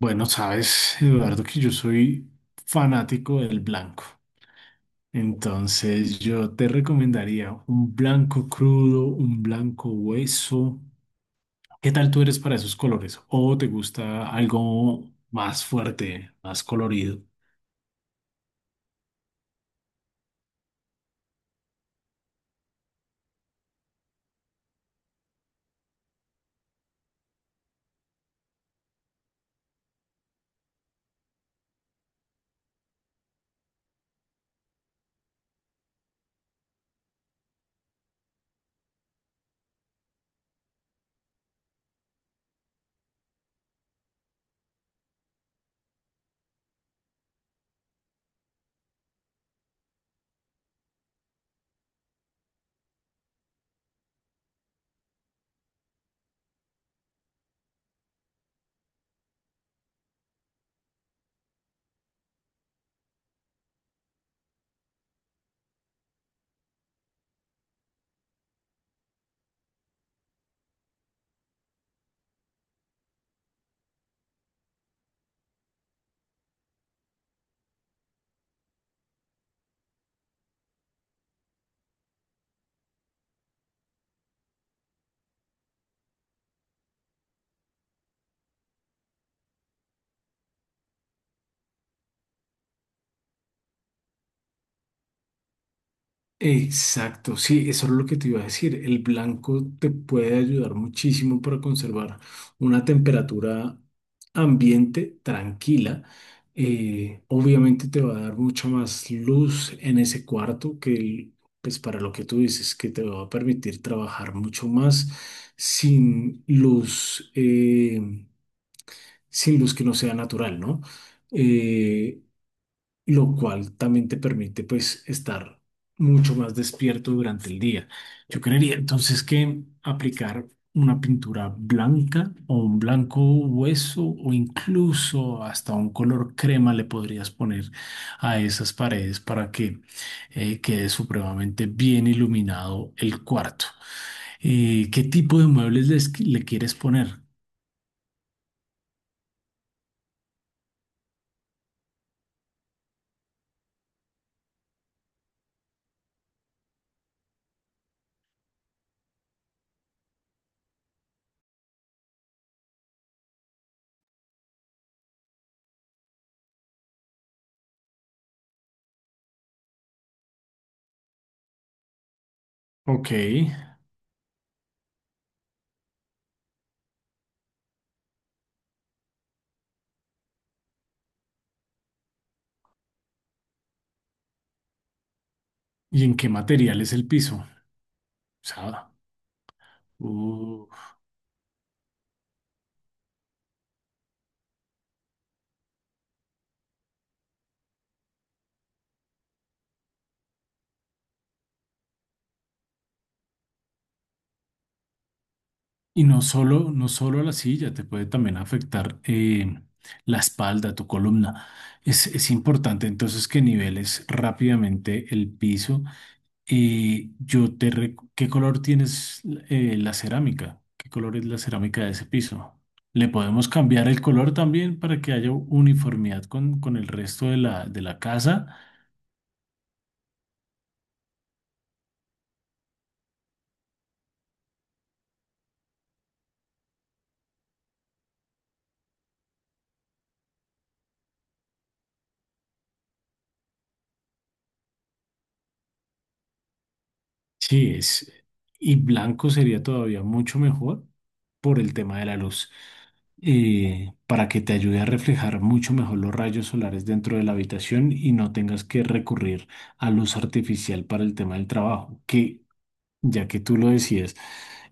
Bueno, sabes, Eduardo, que yo soy fanático del blanco. Entonces, yo te recomendaría un blanco crudo, un blanco hueso. ¿Qué tal tú eres para esos colores? ¿O te gusta algo más fuerte, más colorido? Exacto, sí, eso es lo que te iba a decir. El blanco te puede ayudar muchísimo para conservar una temperatura ambiente tranquila. Obviamente te va a dar mucha más luz en ese cuarto que. Pues para lo que tú dices, que te va a permitir trabajar mucho más sin luz, sin luz que no sea natural, ¿no? Eh, lo cual también te permite pues estar mucho más despierto durante el día. Yo creería entonces que aplicar una pintura blanca o un blanco hueso o incluso hasta un color crema le podrías poner a esas paredes para que quede supremamente bien iluminado el cuarto. ¿Qué tipo de muebles le quieres poner? Ok. ¿Y en qué material es el piso? O sea, uh, y no solo, no solo a la silla, te puede también afectar la espalda, tu columna. Es importante entonces que niveles rápidamente el piso. ¿Qué color tienes la cerámica? ¿Qué color es la cerámica de ese piso? Le podemos cambiar el color también para que haya uniformidad con el resto de la casa. Sí, es, y blanco sería todavía mucho mejor por el tema de la luz. Para que te ayude a reflejar mucho mejor los rayos solares dentro de la habitación y no tengas que recurrir a luz artificial para el tema del trabajo, que ya que tú lo decías,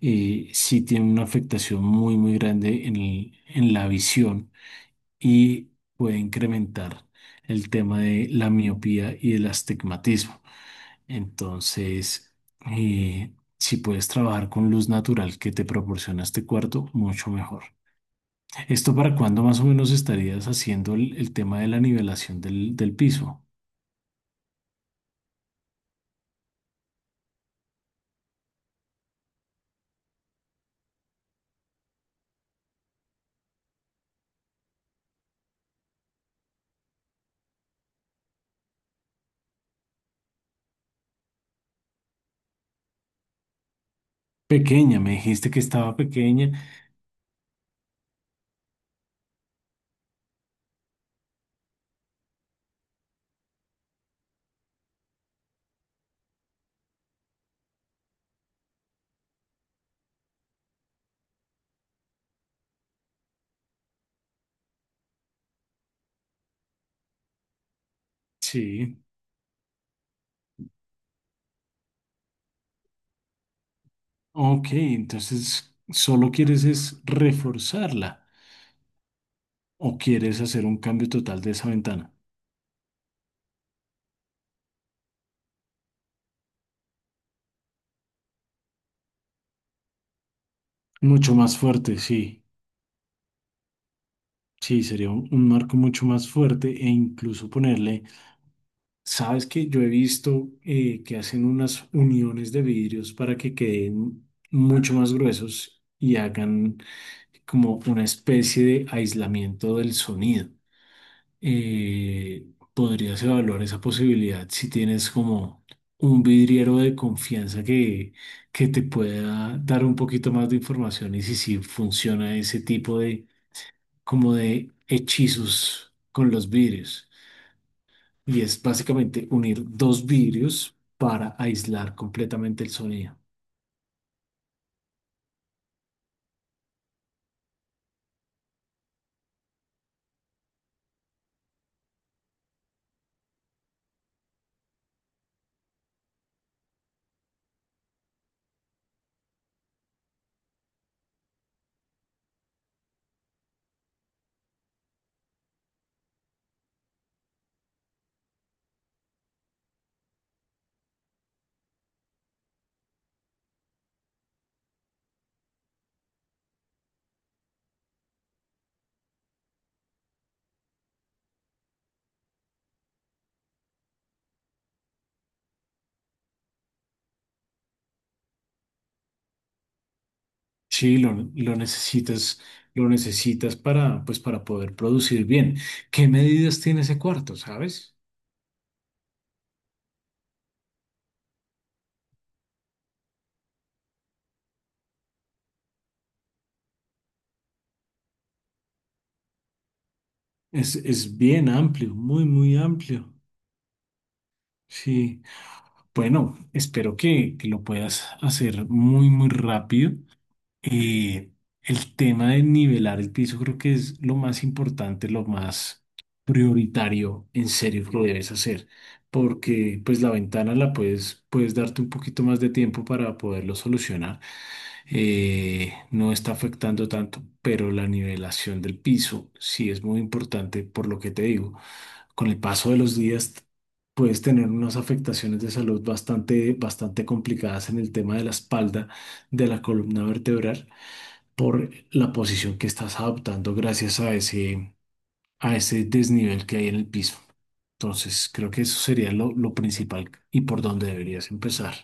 sí tiene una afectación muy, muy grande en en la visión y puede incrementar el tema de la miopía y el astigmatismo. Entonces, eh, si puedes trabajar con luz natural que te proporciona este cuarto, mucho mejor. ¿Esto para cuándo más o menos estarías haciendo el tema de la nivelación del, del piso? Pequeña, me dijiste que estaba pequeña. Sí. Ok, entonces solo quieres es reforzarla o quieres hacer un cambio total de esa ventana. Mucho más fuerte, sí. Sí, sería un marco mucho más fuerte e incluso ponerle, sabes que yo he visto que hacen unas uniones de vidrios para que queden mucho más gruesos y hagan como una especie de aislamiento del sonido. Eh, Podrías evaluar esa posibilidad si tienes como un vidriero de confianza que te pueda dar un poquito más de información y si, si funciona ese tipo de como de hechizos con los vidrios. Y es básicamente unir dos vidrios para aislar completamente el sonido. Sí, lo necesitas para, pues, para poder producir bien. ¿Qué medidas tiene ese cuarto, sabes? Es bien amplio, muy, muy amplio. Sí. Bueno, espero que lo puedas hacer muy, muy rápido. Eh, el tema de nivelar el piso creo que es lo más importante, lo más prioritario en serio que lo debes hacer, porque pues la ventana la puedes, puedes darte un poquito más de tiempo para poderlo solucionar. No está afectando tanto, pero la nivelación del piso sí es muy importante por lo que te digo. Con el paso de los días puedes tener unas afectaciones de salud bastante, bastante complicadas en el tema de la espalda, de la columna vertebral por la posición que estás adoptando gracias a ese desnivel que hay en el piso. Entonces, creo que eso sería lo principal y por donde deberías empezar.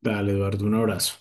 Dale, Eduardo, un abrazo.